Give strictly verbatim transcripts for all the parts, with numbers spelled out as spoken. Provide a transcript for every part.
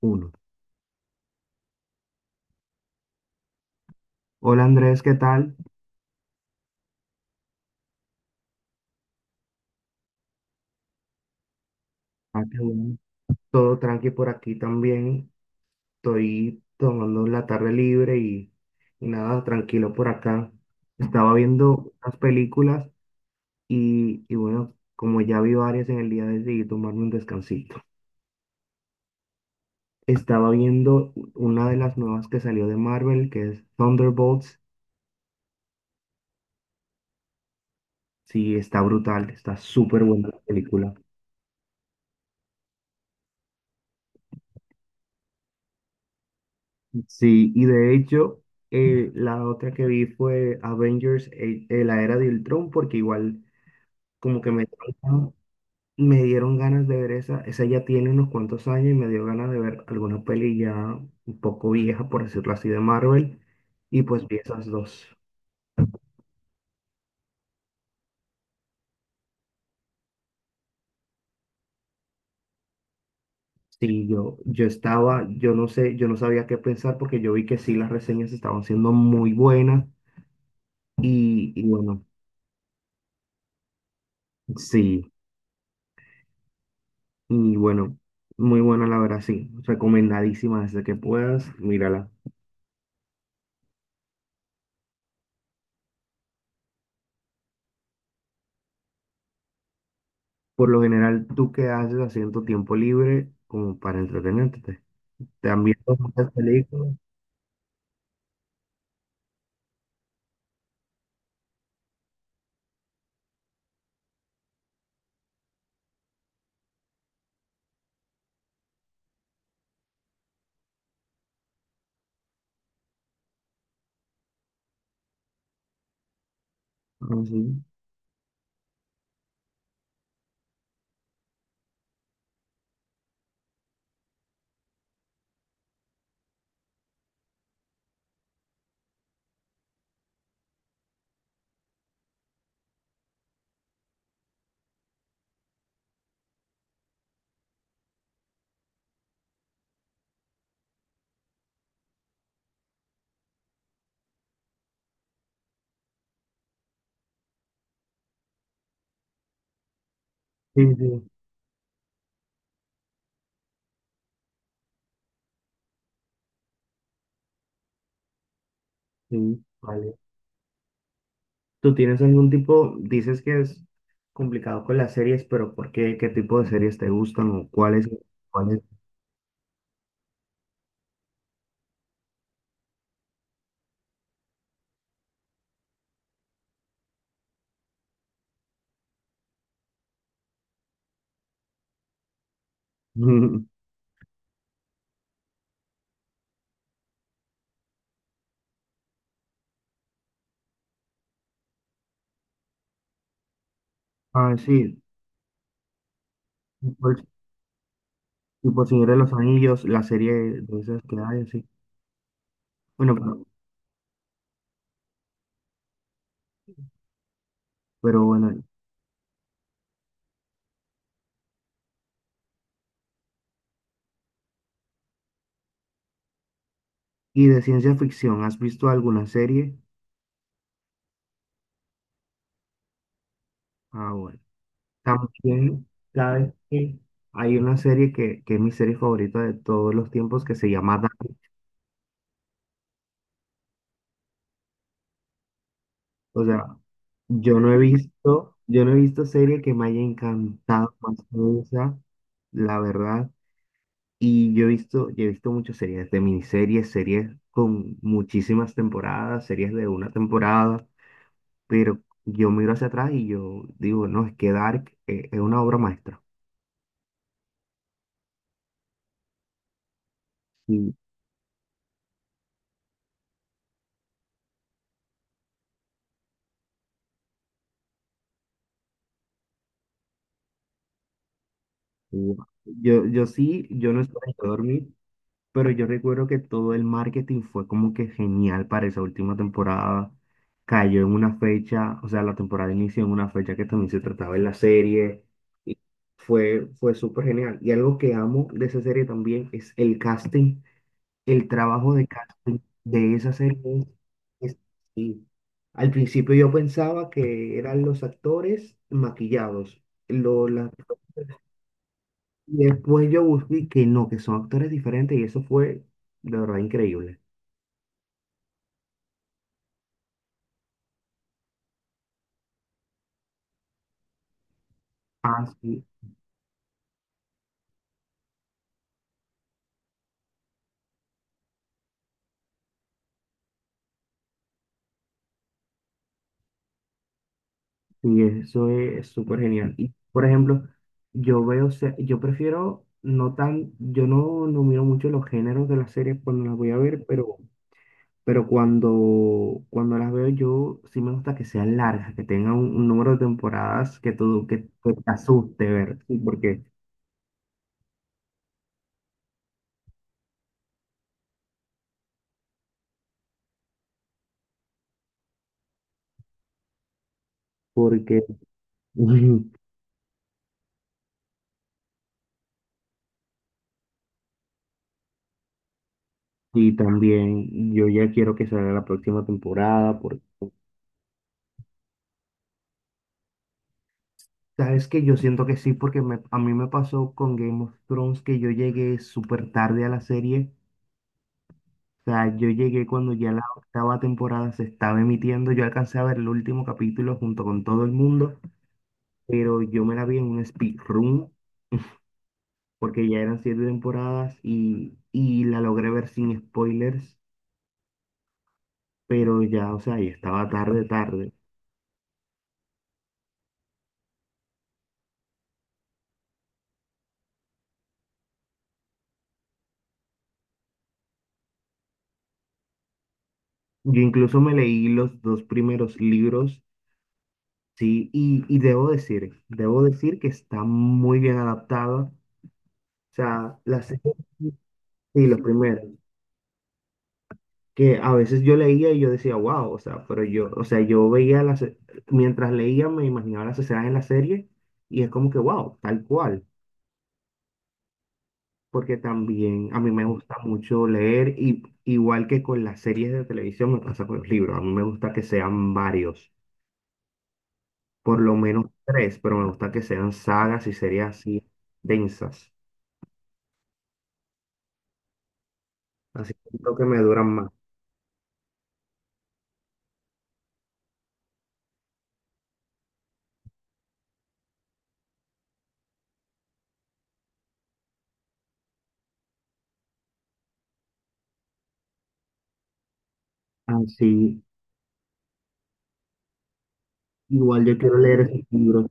Uno. Hola Andrés, ¿qué tal? Ah, qué bueno. Todo tranqui por aquí también. Estoy tomando la tarde libre y, y nada, tranquilo por acá. Estaba viendo unas películas y, y bueno, como ya vi varias en el día, decidí tomarme un descansito. Estaba viendo u- una de las nuevas que salió de Marvel, que es Thunderbolts. Sí, está brutal, está súper buena la película. Sí, y de hecho, eh, la otra que vi fue Avengers, eh, eh, la era de Ultron, porque igual como que me, me dieron ganas de ver esa, esa ya tiene unos cuantos años y me dio ganas de ver alguna peli ya un poco vieja, por decirlo así, de Marvel, y pues vi esas dos. Sí, yo, yo estaba, yo no sé, yo no sabía qué pensar porque yo vi que sí, las reseñas estaban siendo muy buenas y, y bueno, sí. Y bueno, muy buena la verdad, sí. Recomendadísima desde que puedas, mírala. Por lo general, ¿tú qué haces haciendo tu tiempo libre como para entretenerte? ¿Te han visto muchas películas? Ah, sí. Sí, sí, sí, vale. ¿Tú tienes algún tipo, dices que es complicado con las series, pero ¿por qué? ¿Qué tipo de series te gustan o cuáles? ¿Cuáles? Ah, sí, tipo, el- tipo Señor de los Anillos, la serie de esas que hay, sí. Bueno, pero, pero bueno, y de ciencia ficción, ¿has visto alguna serie? Ah, bueno. También, ¿sabes qué? Hay una serie que, que es mi serie favorita de todos los tiempos que se llama Dark. O sea, yo no he visto, yo no he visto serie que me haya encantado más que esa, la verdad. Y yo he visto, yo he visto muchas series de miniseries, series con muchísimas temporadas, series de una temporada, pero yo miro hacia atrás y yo digo, no, es que Dark eh, es una obra maestra. Wow. Yo, yo sí, yo no estaba a dormir, pero yo recuerdo que todo el marketing fue como que genial para esa última temporada. Cayó en una fecha, o sea, la temporada inició en una fecha que también se trataba en la serie. Y fue, fue súper genial. Y algo que amo de esa serie también es el casting, el trabajo de casting de esa serie. es- sí. Al principio yo pensaba que eran los actores maquillados. Lo la Y después yo busqué que no, que son actores diferentes y eso fue de verdad increíble. Ah, sí, sí, eso es súper genial. Y, por ejemplo, yo veo, se- yo prefiero no tan, yo no, no miro mucho los géneros de las series cuando las voy a ver, pero, pero cuando, cuando las veo yo sí me gusta que sean largas, que tengan un, un número de temporadas que, tú, que, que te asuste ver, sí, porque, porque, y también yo ya quiero que salga la próxima temporada, porque sabes que yo siento que sí, porque me- a mí me pasó con Game of Thrones que yo llegué súper tarde a la serie. O sea, yo llegué cuando ya la octava temporada se estaba emitiendo. Yo alcancé a ver el último capítulo junto con todo el mundo, pero yo me la vi en un speedrun porque ya eran siete temporadas y, y la logré ver sin spoilers, pero ya, o sea, ya estaba tarde, tarde. Yo incluso me leí los dos primeros libros. Sí, y, y debo decir, debo decir que está muy bien adaptada. O sea, las series y los primeros, que a veces yo leía y yo decía, wow, o sea, pero yo, o sea, yo veía las, mientras leía me imaginaba las escenas en la serie y es como que, wow, tal cual, porque también a mí me gusta mucho leer y igual que con las series de televisión me pasa con los libros, a mí me gusta que sean varios, por lo menos tres, pero me gusta que sean sagas y series así densas, así creo que me duran más. Así, igual yo quiero leer esos libros,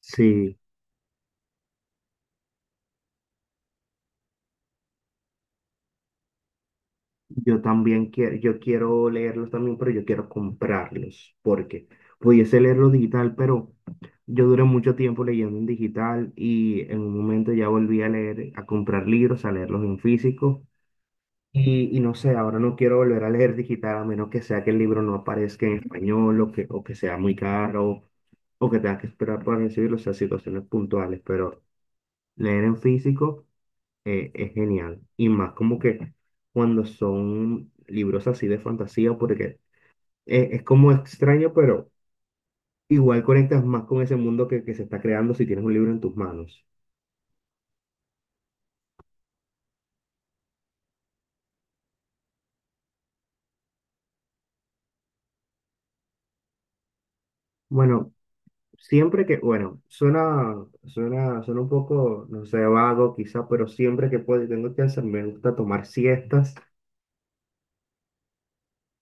sí. Yo también quiero, yo quiero leerlos también, pero yo quiero comprarlos, porque pudiese leerlo digital, pero yo duré mucho tiempo leyendo en digital y en un momento ya volví a leer, a comprar libros, a leerlos en físico. Y, y no sé, ahora no quiero volver a leer digital a menos que sea que el libro no aparezca en español o que, o que sea muy caro. Eh, es genial. Y más como que cuando son libros así de fantasía, porque eh, es como extraño, pero igual conectas más con ese mundo que, que se está creando si tienes un libro en tus manos. Bueno, siempre que, bueno, suena, suena, suena un poco, no sé, vago quizá, pero siempre que puedo y tengo chance, me gusta tomar siestas.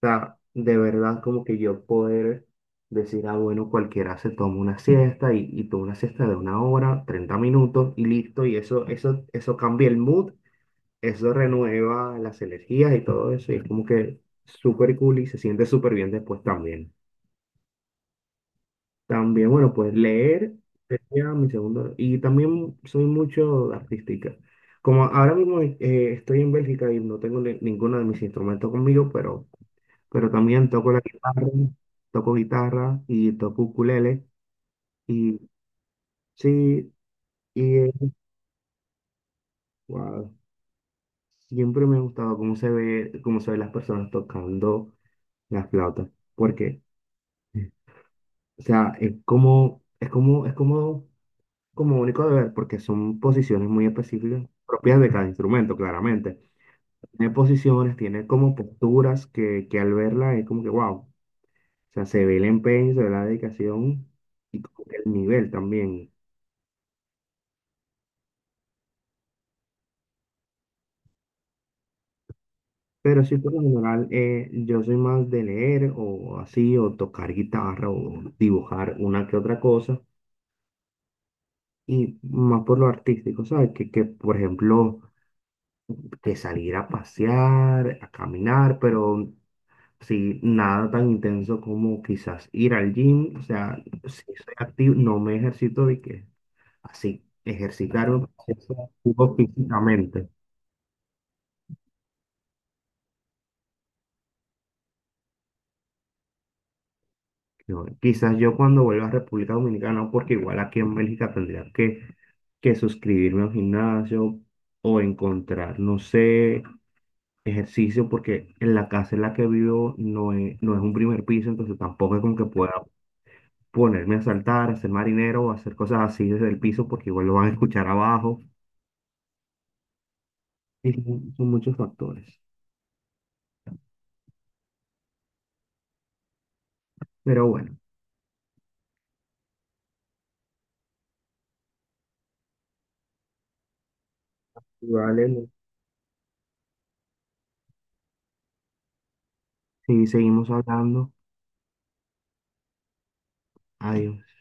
Sea, de verdad como que yo poder decir, ah, bueno, cualquiera se toma una siesta y, y toma una siesta de una hora, treinta minutos y listo, y eso, eso, eso cambia el mood, eso renueva las energías y todo eso, y es como que súper cool y se siente súper bien después también. También, bueno, pues leer sería mi segundo, y también soy mucho artística. Como ahora mismo eh, estoy en Bélgica y no tengo ni- ninguno de mis instrumentos conmigo, pero pero también toco la guitarra, toco guitarra y toco ukulele. Y sí, y eh, wow, siempre me ha gustado cómo se ve, cómo se ven las personas tocando las flautas, porque, o sea, es como, es como, es como, como único de ver, porque son posiciones muy específicas, propias de cada instrumento, claramente. Tiene posiciones, tiene como posturas que, que al verla es como que, wow, o sea, se ve el empeño, se ve la dedicación y como que el nivel también. Pero sí, por lo general, eh, yo soy más de leer o así, o tocar guitarra o dibujar una que otra cosa, y más por lo artístico, ¿sabes? Que, que por ejemplo, que salir a pasear, a caminar, pero sí, nada tan intenso como quizás ir al gym, o sea, si soy activo, no me ejercito de que así, ejercitarme o sea, activo físicamente. No, quizás yo cuando vuelva a República Dominicana, no, porque igual aquí en Bélgica tendría que, que suscribirme a un gimnasio o encontrar, no sé, ejercicio, porque en la casa en la que vivo no es, no es un primer piso, entonces tampoco es como que pueda ponerme a saltar, a ser marinero o hacer cosas así desde el piso, porque igual lo van a escuchar abajo. Y son, son muchos factores. Pero bueno, vale, si seguimos hablando, adiós.